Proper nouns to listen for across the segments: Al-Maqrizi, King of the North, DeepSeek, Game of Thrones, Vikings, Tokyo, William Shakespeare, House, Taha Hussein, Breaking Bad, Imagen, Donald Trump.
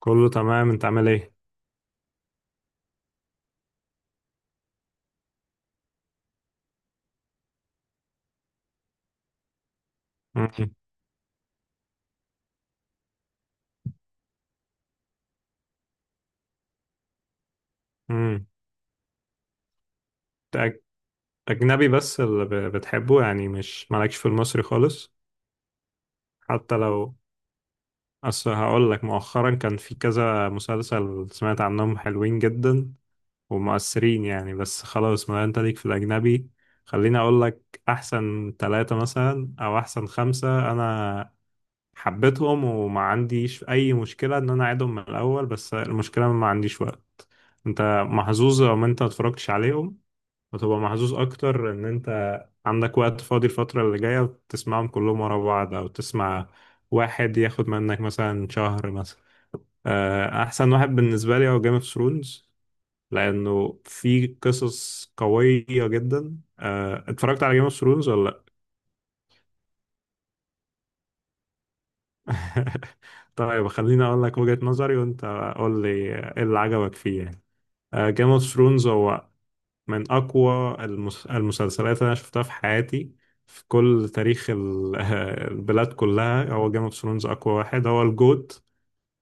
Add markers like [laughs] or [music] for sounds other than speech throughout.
كله تمام، انت عامل ايه؟ مم. مم. انت اجنبي بس اللي بتحبه، يعني مش مالكش في المصري خالص؟ حتى لو. اصل هقول لك، مؤخرا كان في كذا مسلسل سمعت عنهم حلوين جدا ومؤثرين يعني، بس خلاص، ما انت ليك في الاجنبي. خليني اقول لك احسن 3 مثلا او احسن 5. انا حبيتهم وما عنديش اي مشكلة ان انا اعيدهم من الاول، بس المشكلة ما عنديش وقت. انت محظوظ لو ما انت متفرجتش عليهم، وتبقى محظوظ اكتر ان انت عندك وقت فاضي الفترة اللي جاية تسمعهم كلهم ورا بعض، او تسمع واحد ياخد منك مثلا شهر مثلا. احسن واحد بالنسبة لي هو جيم اوف ثرونز، لانه في قصص قوية جدا. اتفرجت على جيم اوف ثرونز ولا لا؟ [laughs] طيب خليني اقول لك وجهة نظري، وانت قول لي ايه اللي عجبك فيه يعني. جيم اوف ثرونز هو من أقوى المسلسلات اللي أنا شفتها في حياتي، في كل تاريخ [laughs] البلاد كلها، هو جيم اوف ثرونز أقوى واحد، هو الجوت.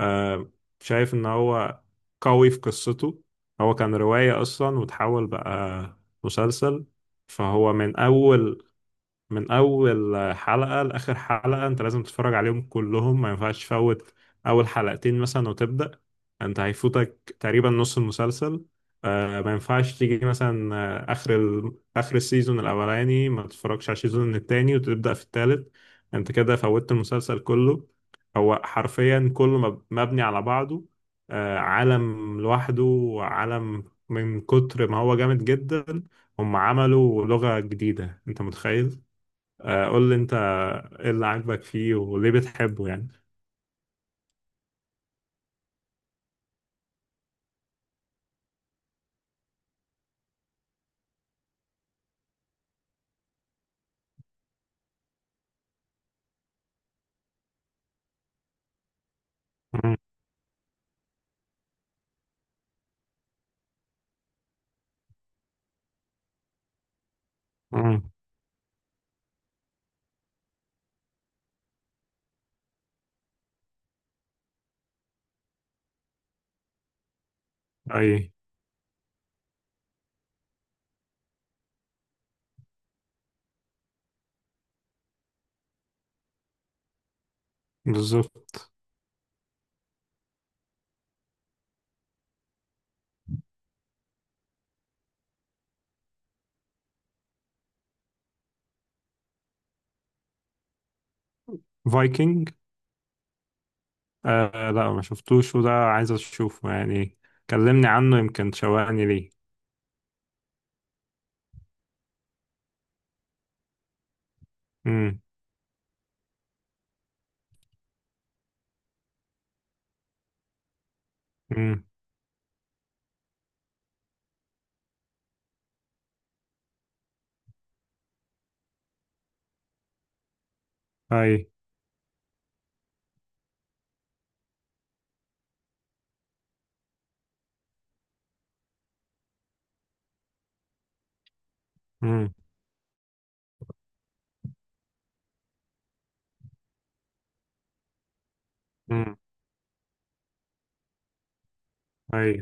آه، شايف إن هو قوي في قصته. هو كان رواية أصلا وتحول بقى مسلسل. فهو من اول حلقة لاخر حلقة انت لازم تتفرج عليهم كلهم، ما ينفعش تفوت اول حلقتين مثلا وتبدأ، انت هيفوتك تقريبا نص المسلسل. آه، ما ينفعش تيجي مثلا اخر اخر السيزون الاولاني ما تتفرجش على السيزون التاني وتبدأ في التالت، انت كده فوتت المسلسل كله. هو حرفيا كله مبني على بعضه. آه، عالم لوحده وعالم. من كتر ما هو جامد جدا، هم عملوا لغة جديدة، انت متخيل؟ قول لي انت ايه اللي عاجبك فيه وليه بتحبه يعني. مم. مم. اي. بالظبط. فايكنج. آه لا، ما شفتوش، وده عايز اشوفه يعني، كلمني عنه يمكن تشوقني ليه. امم. امم. اي. امم. امم. اي.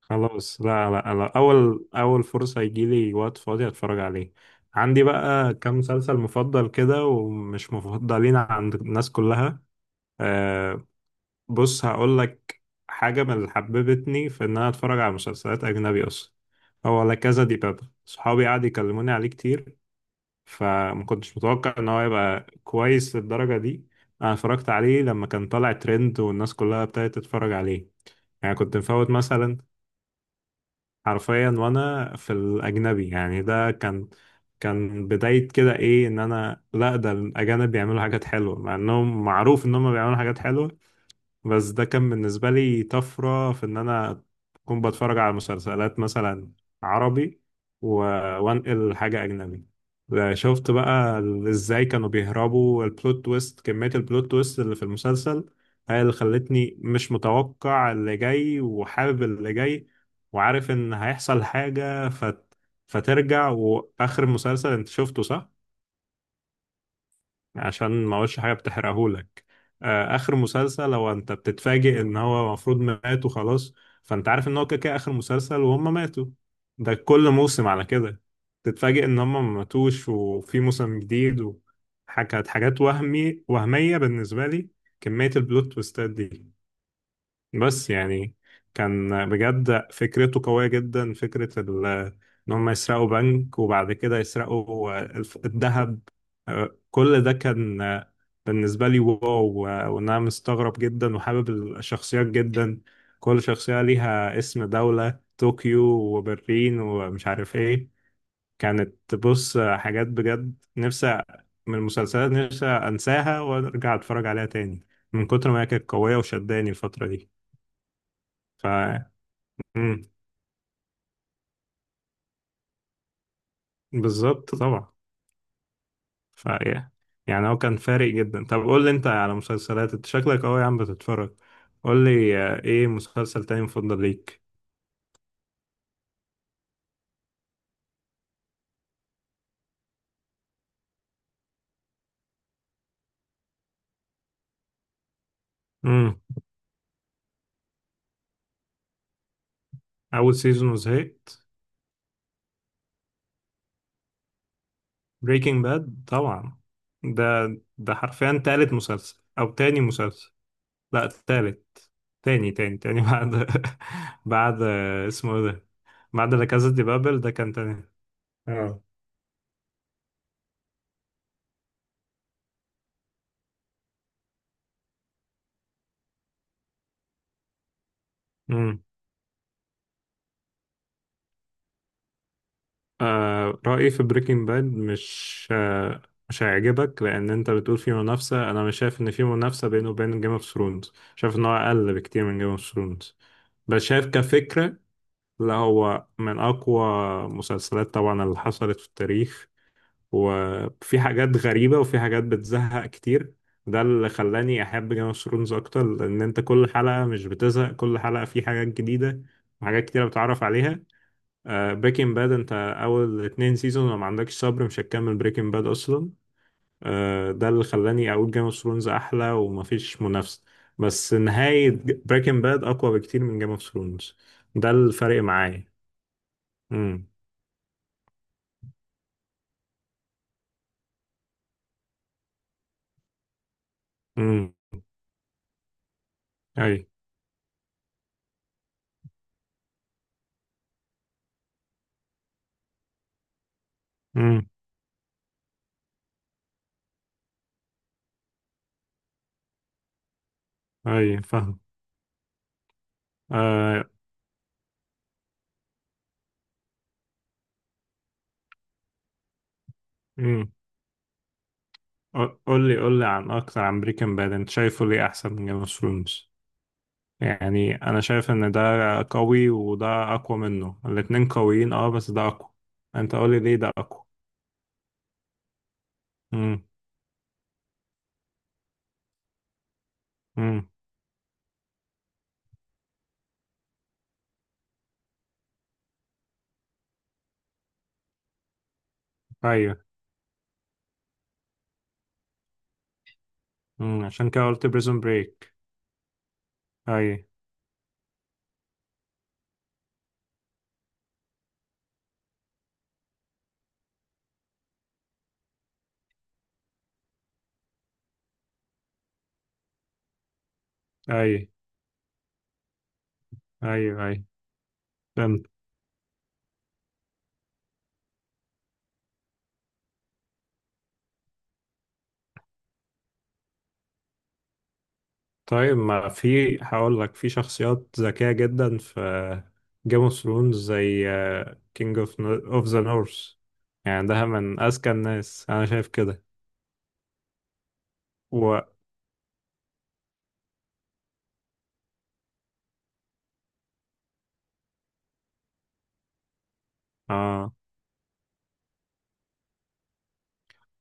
خلاص. لا لا لا، اول اول فرصة يجيلي وقت فاضي اتفرج عليه. عندي بقى كام مسلسل مفضل كده ومش مفضلين عند الناس كلها. آه، بص هقول لك. حاجة من اللي حببتني في إن أنا أتفرج على مسلسلات أجنبي أصلا هو لا كذا دي بابا، صحابي قعدوا يكلموني عليه كتير، فما كنتش متوقع إن هو يبقى كويس للدرجة دي. أنا اتفرجت عليه لما كان طالع ترند والناس كلها ابتدت تتفرج عليه، يعني كنت مفوت مثلا. حرفيا وأنا في الأجنبي، يعني ده كان، كان بداية كده إيه، إن أنا لا، ده الأجانب بيعملوا حاجات حلوة، مع إنهم معروف إن هم بيعملوا حاجات حلوة، بس ده كان بالنسبة لي طفرة في إن أنا أكون بتفرج على مسلسلات مثلا عربي و... وأنقل حاجة أجنبي. شفت بقى إزاي كانوا بيهربوا البلوت تويست، كمية البلوت تويست اللي في المسلسل هي اللي خلتني مش متوقع اللي جاي وحابب اللي جاي، وعارف إن هيحصل حاجة فترجع. وآخر مسلسل أنت شفته صح؟ عشان ما اقولش حاجه بتحرقهولك. اخر مسلسل لو انت بتتفاجئ ان هو المفروض مات وخلاص، فانت عارف ان هو كده كده اخر مسلسل وهم ماتوا. ده كل موسم على كده تتفاجئ ان هم ما ماتوش وفي موسم جديد، وحاجات حاجات وهمي وهميه بالنسبه لي كميه البلوت تويستات دي. بس يعني كان بجد فكرته قوية جدا، فكرة إن هم يسرقوا بنك وبعد كده يسرقوا الذهب. كل ده كان بالنسبة لي واو. وإن أنا مستغرب جدا وحابب الشخصيات جدا، كل شخصية ليها اسم دولة، طوكيو وبرلين ومش عارف إيه. كانت بص حاجات بجد نفسي من المسلسلات نفسي أنساها وأرجع أتفرج عليها تاني من كتر ما هي كانت قوية وشداني الفترة دي. ف. مم. بالظبط طبعا. ف. يعني هو كان فارق جدا. طب قول لي انت على مسلسلات، انت شكلك قوي يا عم بتتفرج، قول لي ايه مسلسل تاني مفضل ليك؟ امم. اول سيزون وزهقت. بريكنج باد طبعا. ده ده حرفيا تالت مسلسل او تاني مسلسل، لا تالت، تاني تاني تاني [laughs] بعد، بعد اسمه ايه ده، بعد لا كازا دي بابل ده كان تاني. اه. آه رأيي في بريكنج باد مش آه مش هيعجبك، لأن أنت بتقول في منافسة، أنا مش شايف إن في منافسة بينه وبين جيم اوف ثرونز، شايف إن هو أقل بكتير من جيم اوف ثرونز، بس شايف كفكرة لا هو من أقوى مسلسلات طبعا اللي حصلت في التاريخ، وفي حاجات غريبة وفي حاجات بتزهق كتير، ده اللي خلاني أحب جيم اوف ثرونز أكتر، لأن أنت كل حلقة مش بتزهق، كل حلقة في حاجات جديدة وحاجات كتيرة بتعرف عليها. بريكنج باد انت اول 2 سيزون لو ما عندكش صبر مش هتكمل بريكنج باد اصلا. ده اللي خلاني اقول جيم اوف ثرونز احلى ومفيش منافسه، بس نهايه بريكنج باد اقوى بكتير من جيم اوف ثرونز، ده الفرق معايا. امم. امم. اي. امم. اي. فاهم. آه، امم. قول لي قول لي عن اكتر عن بريكنج باد، انت شايفه ليه احسن من جيم اوف ثرونز؟ يعني انا شايف ان ده قوي وده اقوى منه، الاتنين قويين اه، بس ده اقوى. انت قول لي ليه ده اقوى. امم. امم. ايوه. امم. عشان كده قلت بريزون بريك. ايوه. ايوه ايوه ايوه. فهمت. طيب ما في هقول لك في شخصيات ذكية جدا في جيم اوف ثرونز، زي كينج اوف ذا نورث، يعني ده من اذكى الناس انا شايف كده. و... اه،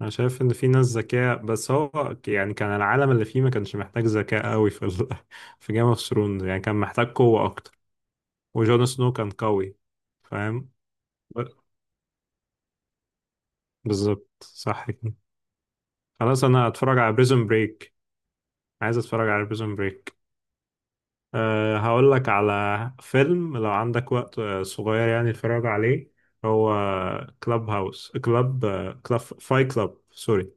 انا شايف ان في ناس ذكية بس هو يعني كان العالم اللي فيه ما كانش محتاج ذكاء قوي في [laughs] في جيم اوف ثرونز يعني كان محتاج قوة اكتر، وجون سنو كان قوي، فاهم؟ ب- بالظبط صح كده. خلاص انا هتفرج على بريزون بريك. عايز اتفرج على بريزون بريك. أه هقول لك على فيلم لو عندك وقت صغير يعني اتفرج عليه. هو كلاب هاوس كلاب، كلاب فاي كلاب سوري،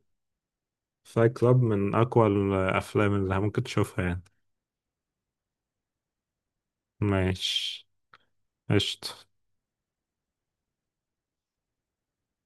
فاي كلاب من اقوى الافلام اللي ممكن تشوفها يعني. ماشي. قشطة.